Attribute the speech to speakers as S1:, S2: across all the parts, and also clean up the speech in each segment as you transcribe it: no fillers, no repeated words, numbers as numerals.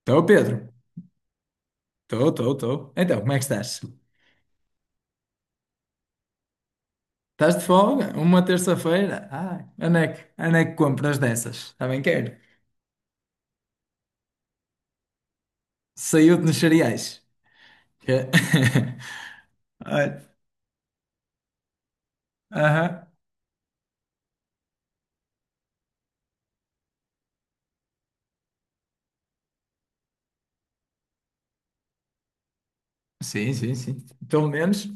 S1: Estou, Pedro. Estou, estou, estou. Então, como é que estás? Estás de folga? Uma terça-feira? Ah, onde é que, compras dessas? Também quero. Saiu-te nos cereais. Que- Olha. Aham. Sim, sim, sim. Pelo menos.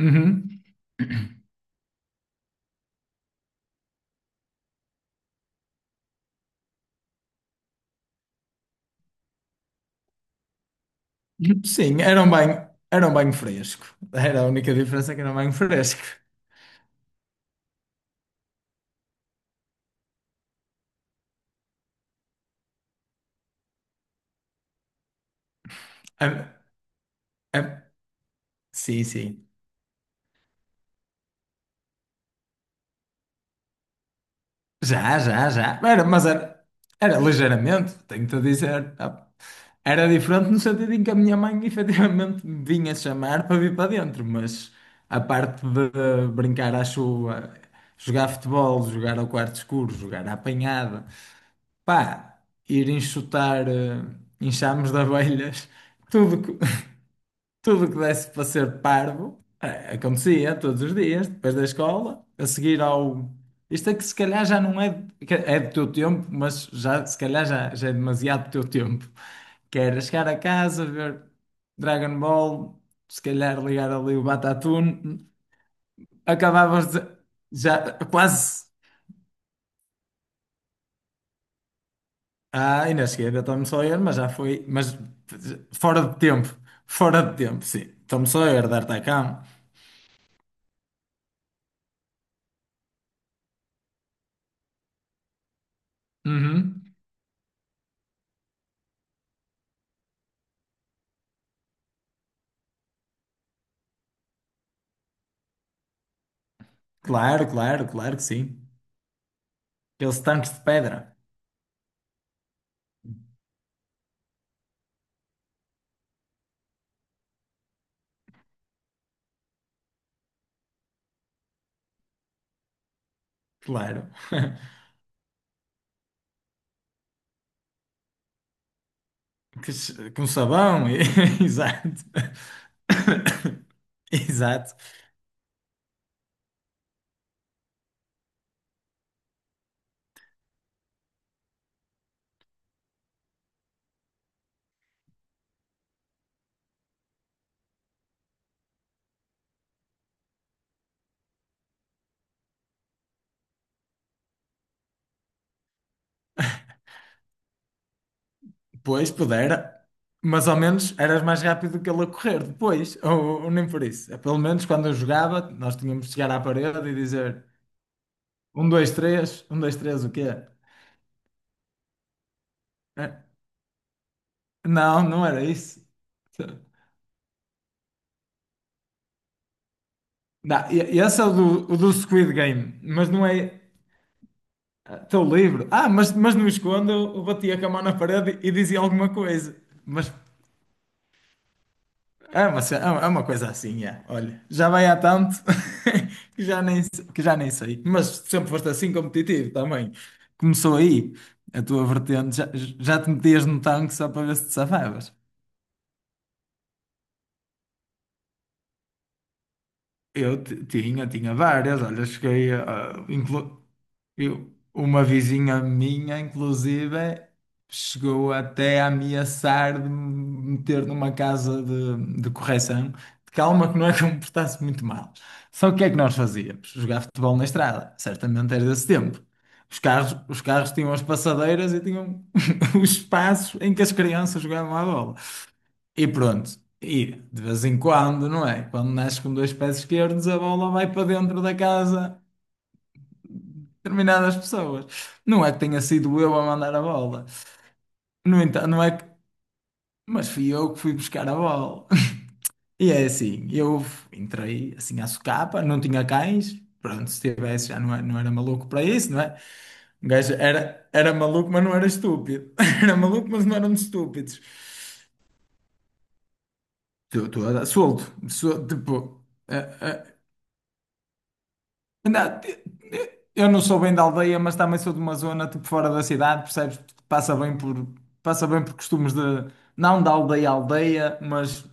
S1: Uhum. Sim, era um banho fresco. Era a única diferença que era um banho fresco. Ah, ah, sim, sim. Já, já, já. Era, mas era ligeiramente, tenho-te a dizer. Tá? Era diferente no sentido em que a minha mãe efetivamente me vinha chamar para vir para dentro, mas a parte de brincar à chuva, jogar futebol, jogar ao quarto escuro, jogar à apanhada, pá, ir enxotar enxames de abelhas, tudo, Tudo o que desse para ser parvo, acontecia todos os dias, depois da escola, a seguir ao. Isto é que se calhar já não é, que é do teu tempo, mas já, se calhar já, já é demasiado do teu tempo. Que era chegar a casa, ver Dragon Ball, se calhar ligar ali o Batatune, acabavas de, já quase. Ah, ainda cheguei a ver Tom Sawyer, mas já foi, mas fora de tempo, fora de tempo, sim. Tom Sawyer, D'Artagnan. Uhum. Claro, claro, claro que sim. Aqueles tanques de pedra. Claro. Com sabão. Exato. Exato. Pois, pudera. Mas ao menos eras mais rápido que ele a correr depois. Ou nem por isso. É, pelo menos quando eu jogava, nós tínhamos de chegar à parede e dizer um, dois, três. Um, dois, três, o quê? Eh, Não, não era isso. Não, e esse é o do, Squid Game, mas não é. Estou livre. Ah, mas não escondo, eu batia com a mão na parede e dizia alguma coisa. Mas é uma coisa assim, é. Olha, já vai há tanto que já nem sei. Mas sempre foste assim competitivo também. Começou aí a tua vertente, já te metias no tanque só para ver se te safavas. Eu tinha várias, olha, cheguei a, inclu- eu- uma vizinha minha, inclusive, chegou até a ameaçar de me meter numa casa de correção, de calma que não é que eu me portasse muito mal. Só que o que é que nós fazíamos? Jogar futebol na estrada, certamente era desse tempo. Os carros tinham as passadeiras e tinham os espaços em que as crianças jogavam à bola. E pronto. E de vez em quando, não é? Quando nasce com dois pés esquerdos, a bola vai para dentro da casa de determinadas pessoas. Não é que tenha sido eu a mandar a bola. No entanto, não é que. Mas fui eu que fui buscar a bola. E é assim, eu entrei assim à socapa, não tinha cães. Pronto, se tivesse já não era maluco para isso, não é? Um gajo era maluco, mas não era estúpido. Era maluco, mas não éramos estúpidos. Estou a solto. Tipo. Não, eu não sou bem da aldeia, mas também sou de uma zona tipo fora da cidade, percebes? Passa bem por, passa bem por costumes de, não da aldeia à aldeia, mas,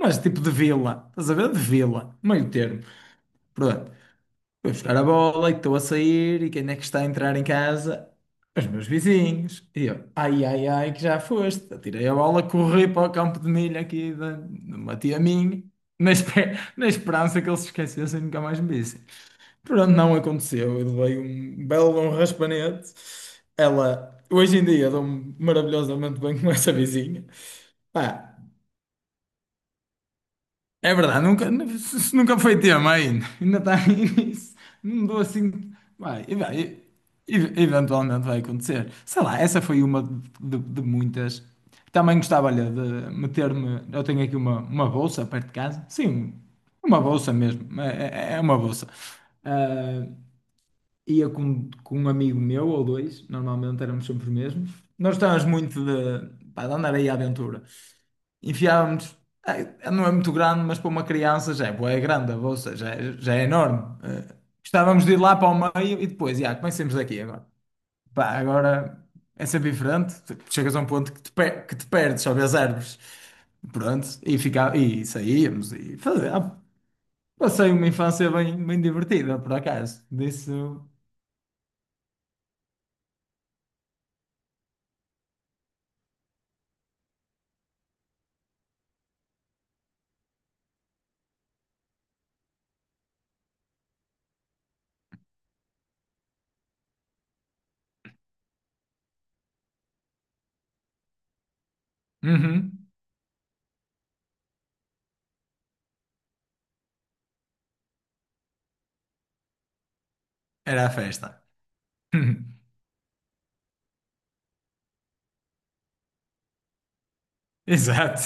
S1: mas tipo de vila, estás a ver? De vila, meio termo. Pronto, vou buscar a bola e estou a sair e quem é que está a entrar em casa? Os meus vizinhos. E eu, ai, ai, ai, que já foste. Atirei a bola, corri para o campo de milho aqui de uma tia minha, na esperança que eles se esquecessem e nunca mais me vissem. Pronto, não aconteceu. Eu levei um belo bom raspanete. Ela, hoje em dia, dou-me maravilhosamente bem com essa vizinha. Pá, é verdade, nunca, se- se nunca foi tema ainda. Ainda está aí nisso. Não dou assim. Vai, eventualmente vai acontecer. Sei lá, essa foi uma de, muitas. Também gostava, olha, de meter-me. Eu tenho aqui uma bolsa perto de casa. Sim, uma bolsa mesmo. É uma bolsa. Ah, ia com um amigo meu ou dois, normalmente éramos sempre os mesmos. Nós estávamos muito de, pá, de andar aí à aventura. Enfiávamos, não é muito grande, mas para uma criança já é, bué grande, a bolsa já é enorme. Gostávamos de ir lá para o meio e depois, já, comecemos daqui agora. Pá, agora é sempre diferente. Tu chegas a um ponto que te perdes, só vês árvores. Pronto, e, fica, e saíamos e passei uma infância bem, bem divertida, por acaso. Disso. Uhum. Era a festa. Exato.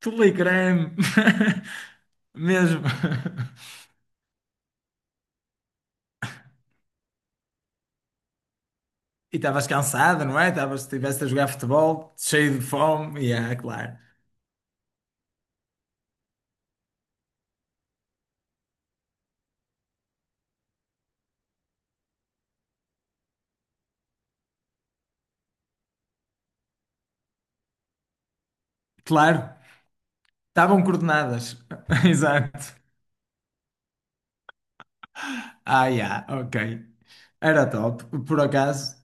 S1: Telegram. Mesmo. E estavas cansada, não é? Estiveste a jogar futebol, cheio de fome. Yeah, claro. Claro. Estavam coordenadas. Exato. Ah, yeah, ok. Era top. Por acaso.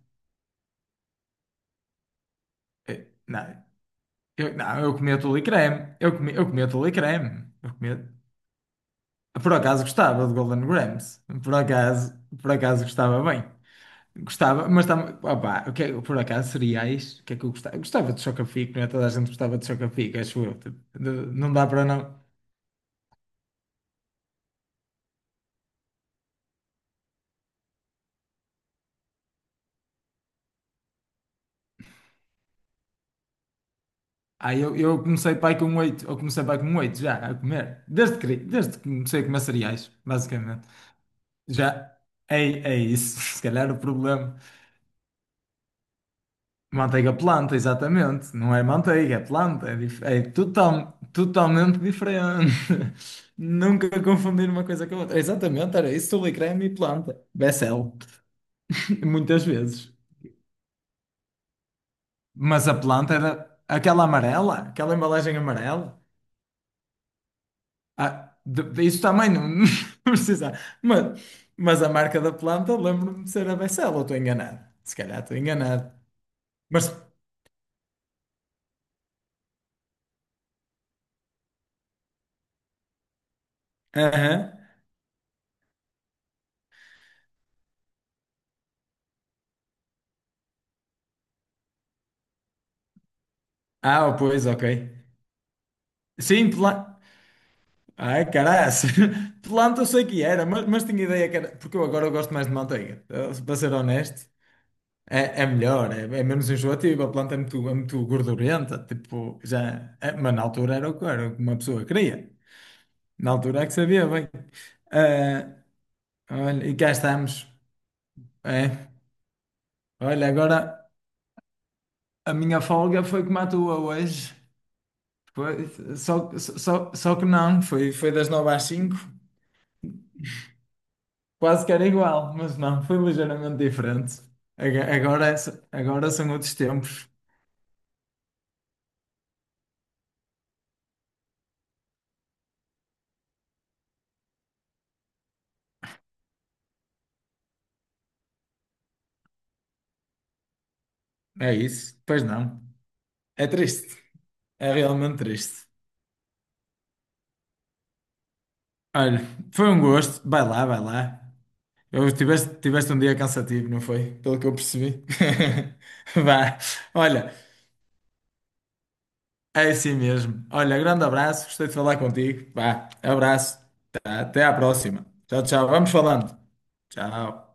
S1: Não, eu comia tule e creme. Eu comia tule e creme. Eu comia... Por acaso gostava de Golden Grams. Por acaso gostava bem. Gostava, opá, por acaso, cereais, o que é que eu gostava? Eu gostava de Chocapic, não é? Toda a gente gostava de Chocapic, acho eu. Tipo, não dá para não. Ah, eu comecei pai com oito já, a comer. Desde que comecei a comer cereais, basicamente. Já é, é isso, se calhar o problema. Manteiga planta, exatamente. Não é manteiga, é planta, é, é totalmente diferente. Nunca confundir uma coisa com a outra. Exatamente, era isso, tule creme e planta. Becel. Muitas vezes. Mas a planta era aquela amarela, aquela embalagem amarela. Ah, isso também não, não precisa. Mas, mas a marca da planta, lembro-me de ser a Becel, ou estou enganado. Se calhar estou enganado. Mas. Aham. Ah, pois, ok. Sim, planta. Ai, caraças. Planta eu sei que era, mas tinha ideia que era. Porque eu agora eu gosto mais de manteiga, para ser honesto. É melhor, é menos enjoativo, a planta é muito gordurenta, tipo, já, mas na altura era, o que uma pessoa queria. Na altura é que sabia bem. Ah, olha, e cá estamos. É. Olha, agora a minha folga foi como a tua hoje. Foi, só, só, só que não, foi, foi das 9 às 5. Quase que era igual, mas não, foi ligeiramente diferente. Agora são outros tempos. É isso, pois não. É triste, é realmente triste. Olha, foi um gosto. Vai lá, vai lá. Tiveste um dia cansativo, não foi? Pelo que eu percebi. Vá. Olha, é assim mesmo. Olha, grande abraço. Gostei de falar contigo. Vá, abraço. Tá, até à próxima. Tchau, tchau. Vamos falando. Tchau.